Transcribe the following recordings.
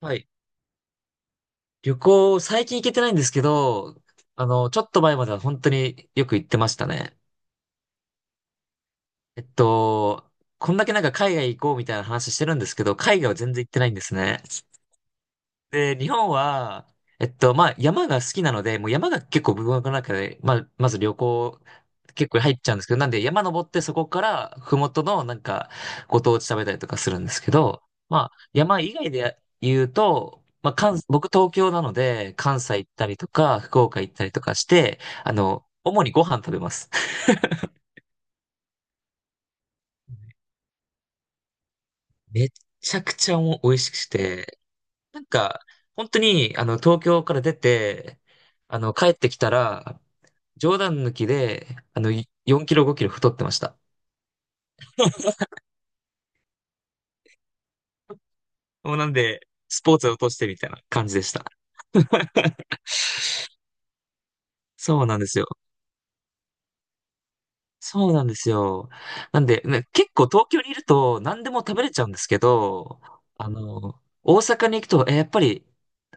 はい。旅行、最近行けてないんですけど、ちょっと前までは本当によく行ってましたね。えっと、こんだけ海外行こうみたいな話してるんですけど、海外は全然行ってないんですね。で、日本は、山が好きなので、もう山が結構僕の中で、まず旅行、結構入っちゃうんですけど、なんで山登ってそこから、ふもとのご当地食べたりとかするんですけど、山以外で言うと、僕東京なので、関西行ったりとか、福岡行ったりとかして、主にご飯食べます。めっちゃくちゃお美味しくて、なんか、本当に、東京から出て、帰ってきたら、冗談抜きで、4キロ5キロ太ってました。もうなんで、スポーツを落としてみたいな感じでした。そうなんですよ。そうなんですよ。なんで、ね、結構東京にいると何でも食べれちゃうんですけど、大阪に行くと、え、やっぱり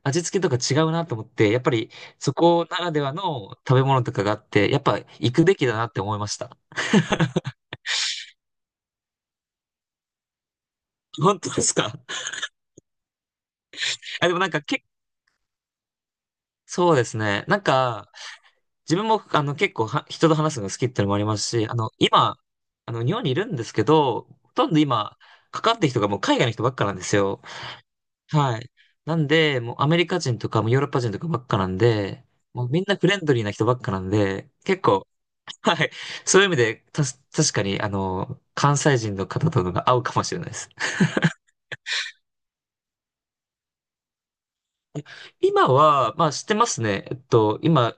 味付けとか違うなと思って、やっぱりそこならではの食べ物とかがあって、やっぱ行くべきだなって思いました。本当ですか？ あ、でもなんかけ、そうですね。自分も、あの、結構は、人と話すのが好きってのもありますし、今、日本にいるんですけど、ほとんど今、かかってる人がもう海外の人ばっかなんですよ。はい。なんで、もうアメリカ人とか、もうヨーロッパ人とかばっかなんで、もうみんなフレンドリーな人ばっかなんで、結構、はい。そういう意味で、確かに、関西人の方とのが合うかもしれないです。今は、知ってますね。今、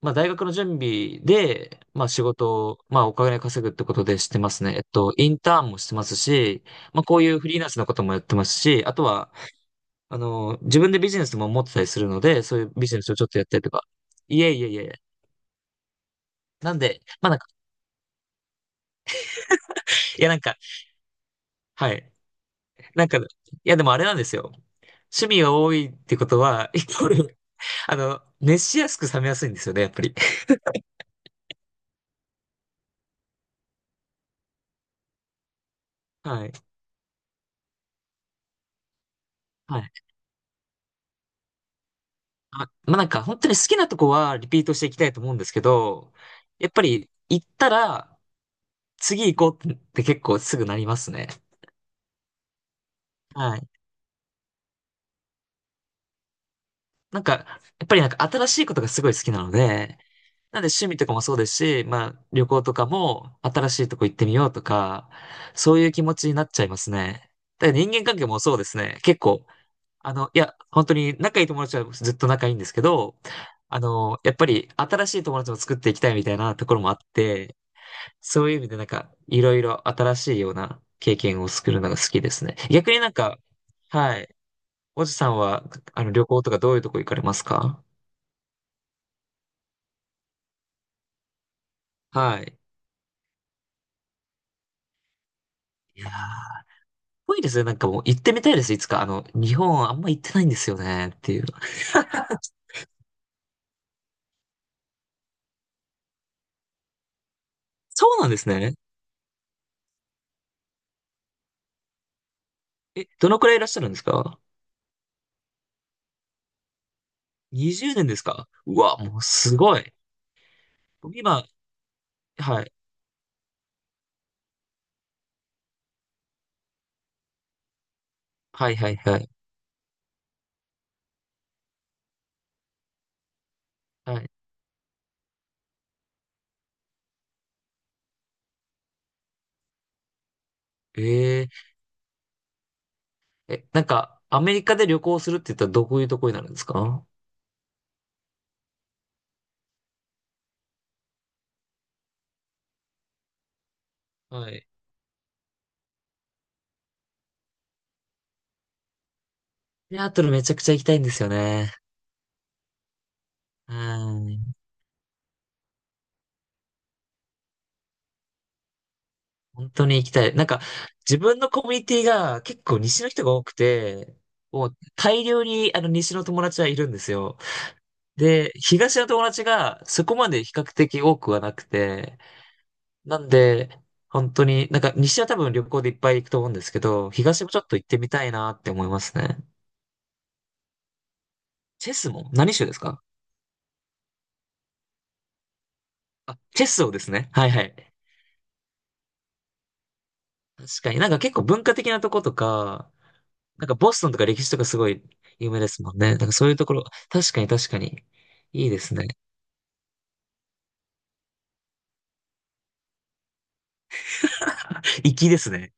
大学の準備で、仕事を、お金稼ぐってことで知ってますね。インターンもしてますし、こういうフリーランスのこともやってますし、あとは、自分でビジネスも持ってたりするので、そういうビジネスをちょっとやったりとか。いえいえいえ。なんで、まあなんか、いやなんか、はい。なんか、いでもあれなんですよ。趣味が多いってことは、イコール、熱しやすく冷めやすいんですよね、やっぱり。はい。はい。本当に好きなとこはリピートしていきたいと思うんですけど、やっぱり行ったら次行こうって結構すぐなりますね。はい。やっぱり新しいことがすごい好きなので、なんで趣味とかもそうですし、旅行とかも新しいとこ行ってみようとか、そういう気持ちになっちゃいますね。だから人間関係もそうですね。結構、本当に仲いい友達はずっと仲いいんですけど、やっぱり新しい友達も作っていきたいみたいなところもあって、そういう意味でいろいろ新しいような経験を作るのが好きですね。逆にはい。おじさんは、旅行とかどういうとこ行かれますか？はい。いやー、ぽいいですね。もう行ってみたいです。いつか。日本あんま行ってないんですよね。っていう。そうなんですね。え、どのくらいいらっしゃるんですか？ 20 年ですか？うわ、もうすごい。僕今、はい。はいはいはい。はい。えー、え、アメリカで旅行するって言ったらどういうとこになるんですか？はい。シアトルめちゃくちゃ行きたいんですよね。うん。本当に行きたい。自分のコミュニティが結構西の人が多くて、もう大量に西の友達はいるんですよ。で、東の友達がそこまで比較的多くはなくて、なんで、本当に、西は多分旅行でいっぱい行くと思うんですけど、東もちょっと行ってみたいなって思いますね。チェスも何州ですか？あ、チェスをですね。はいはい。確かに結構文化的なとことか、ボストンとか歴史とかすごい有名ですもんね。そういうところ、確かに確かに。いいですね。粋ですね。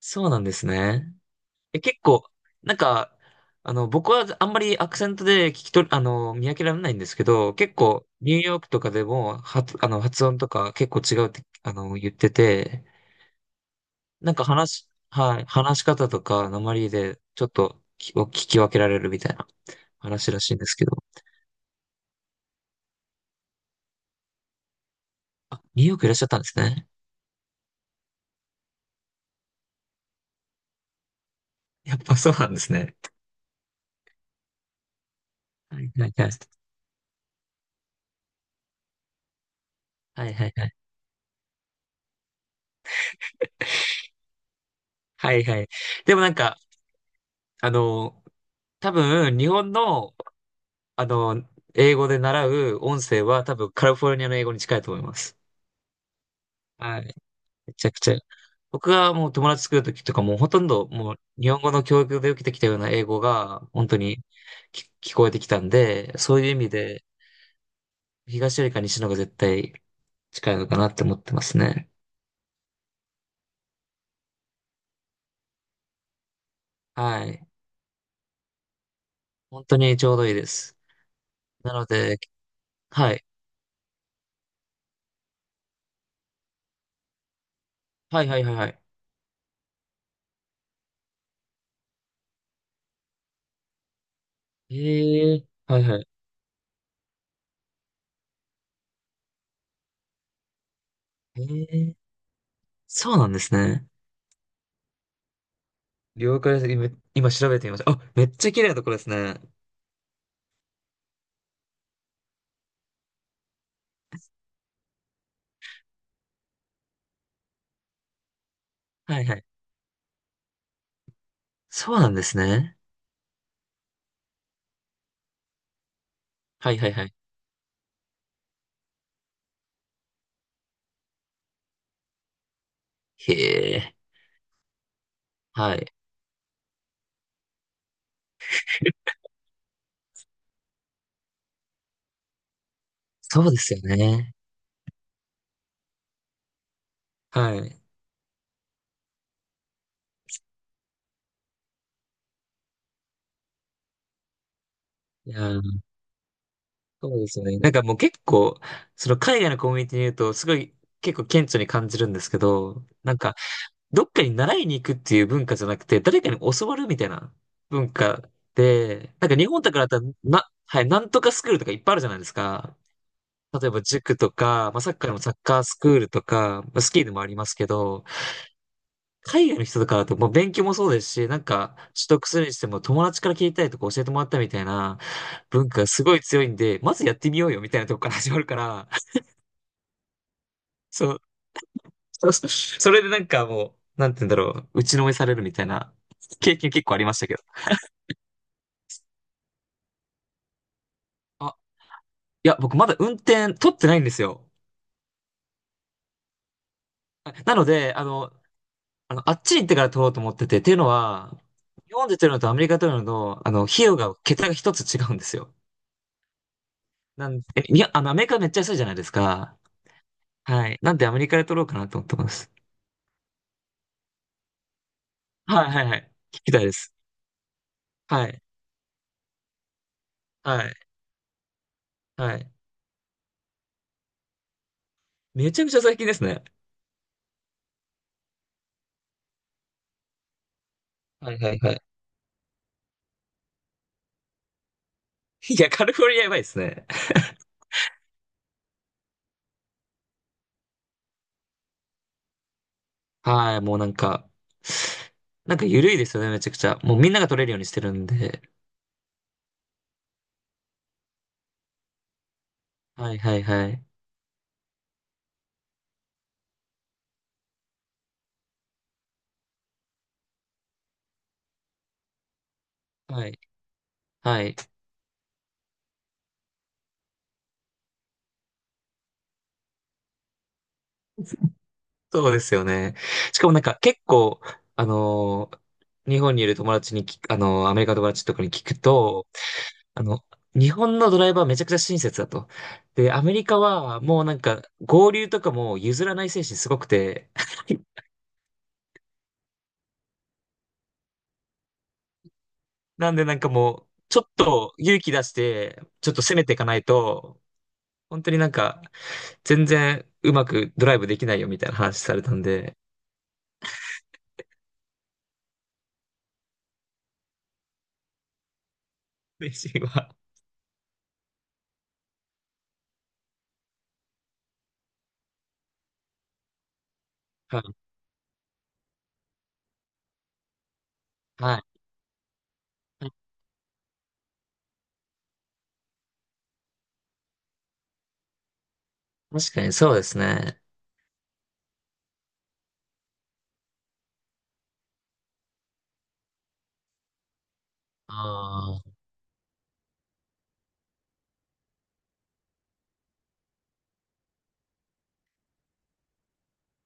そうなんですね。え、結構、なんか、僕はあんまりアクセントで聞き取り、あの、見分けられないんですけど、結構、ニューヨークとかでも、発、あの、発音とか結構違うって、言ってて、なんか話し、はい、話し方とか、訛りで、ちょっとき、を聞き分けられるみたいな話らしいんですけど、あ、ニューヨークいらっしゃったんですね。やっぱそうなんですね。はいはいはい。はいはいはい。はいはい。でもあの、多分、日本の、あの、英語で習う音声は多分カリフォルニアの英語に近いと思います。はい。めちゃくちゃ。僕がもう友達作るときとかもうほとんどもう日本語の教育で受けてきたような英語が本当にき聞こえてきたんで、そういう意味で東よりか西の方が絶対近いのかなって思ってますね。はい。本当にちょうどいいです。なので、はい。はいはいはいはい。ええはいはい。ええ、そうなんですね。了解です。今調べてみました。あ、めっちゃ綺麗なところですね。はいはい。そうなんですね。はいはいはい。へえ、はい。そうですよね。はい。いやー、そうですよね。なんかもう結構、その海外のコミュニティにいると、すごい結構顕著に感じるんですけど、どっかに習いに行くっていう文化じゃなくて、誰かに教わるみたいな文化で、日本とかだったら、はい、なんとかスクールとかいっぱいあるじゃないですか。例えば塾とか、サッカーのサッカースクールとか、スキーでもありますけど、海外の人とかだともう勉強もそうですし、取得するにしても友達から聞いたりとか教えてもらったみたいな文化がすごい強いんで、まずやってみようよみたいなとこから始まるから、そう、そう それでなんかもう、なんて言うんだろう、打ちのめされるみたいな経験結構ありましたけど。あ、いや、僕まだ運転取ってないんですよ。あなので、あの、あっちに行ってから取ろうと思ってて、っていうのは、日本で取るのとアメリカで取るのと、費用が、桁が一つ違うんですよ。なんで、えいや、あの、アメリカめっちゃ安いじゃないですか。はい。なんでアメリカで取ろうかなと思ってます。はいはいはい。聞きたいです。はい。はい。はい。めちゃくちゃ最近ですね。はいはいはい。いや、カリフォルニアやばいですね。はい、もうなんか、なんか緩いですよね、めちゃくちゃ。もうみんなが取れるようにしてるんで。はいはいはい。はい。はい。そうですよね。しかもなんか結構、あのー日本にいる友達にき、アメリカの友達とかに聞くと、あの、日本のドライバーめちゃくちゃ親切だと。で、アメリカはもうなんか合流とかも譲らない精神すごくて、なんでなんかもう、ちょっと勇気出して、ちょっと攻めていかないと、本当になんか、全然うまくドライブできないよみたいな話されたんで、嬉しいわ。はい。はい。確かにそうですね。ああ、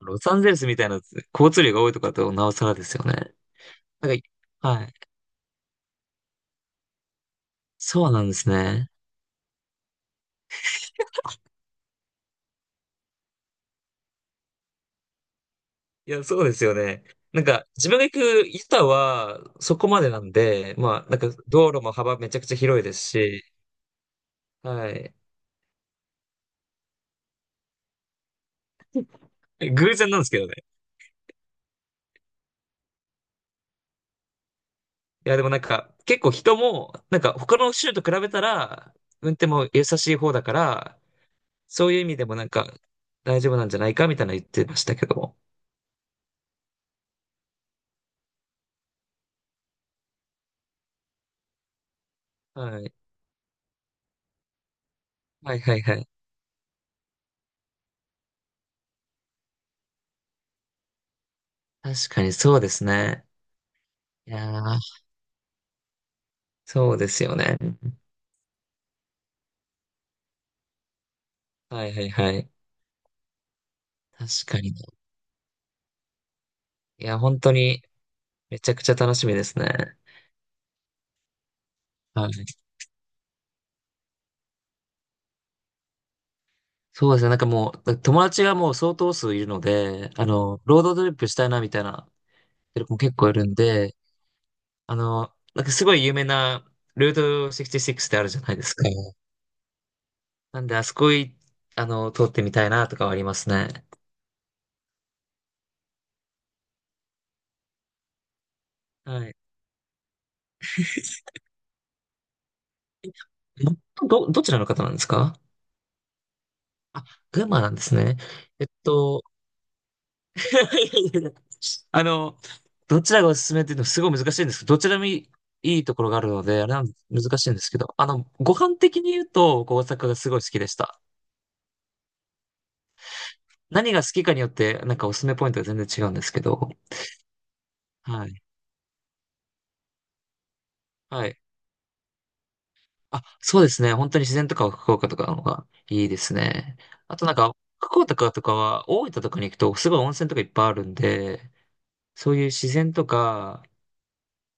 ロサンゼルスみたいな交通量が多いとかだとなおさらですよね。なんか、はい。そうなんですね。いや、そうですよね。なんか、自分が行くユタはそこまでなんで、まあ、なんか道路も幅めちゃくちゃ広いですし、はい。偶然なんですけどね。いや、でもなんか、結構人も、なんか他の州と比べたら、運転も優しい方だから、そういう意味でもなんか、大丈夫なんじゃないかみたいなの言ってましたけども。はい。はいはいはい。確かにそうですね。いやー、そうですよね。はいはいはい。確かにね。いや、本当にめちゃくちゃ楽しみですね。はい。そうですね。なんかもう、友達がもう相当数いるので、あの、ロードトリップしたいなみたいな、も結構いるんで、あの、なんかすごい有名なルート66ってあるじゃないですか。なんで、あそこい、あの、通ってみたいなとかはありますね。はい。ど、どちらの方なんですか？あ、群馬なんですね。えっと、いやいやいや、あの、どちらがおすすめっていうのはすごい難しいんですけど、どちらもいい、いいところがあるので、あれなん、難しいんですけど、あの、ご飯的に言うと、こう大阪がすごい好きでした。何が好きかによって、なんかおすすめポイントが全然違うんですけど、はい。はい。あ、そうですね。本当に自然とか福岡とかの方がいいですね。あとなんか、福岡とかとかは、大分とかに行くと、すごい温泉とかいっぱいあるんで、そういう自然とか、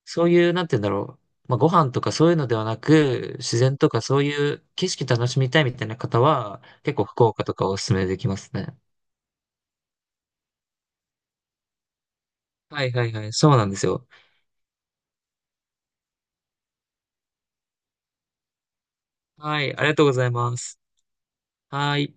そういう、なんて言うんだろう。まあ、ご飯とかそういうのではなく、自然とかそういう景色楽しみたいみたいな方は、結構福岡とかおすすめできますね。はいはいはい。そうなんですよ。はい。ありがとうございます。はい。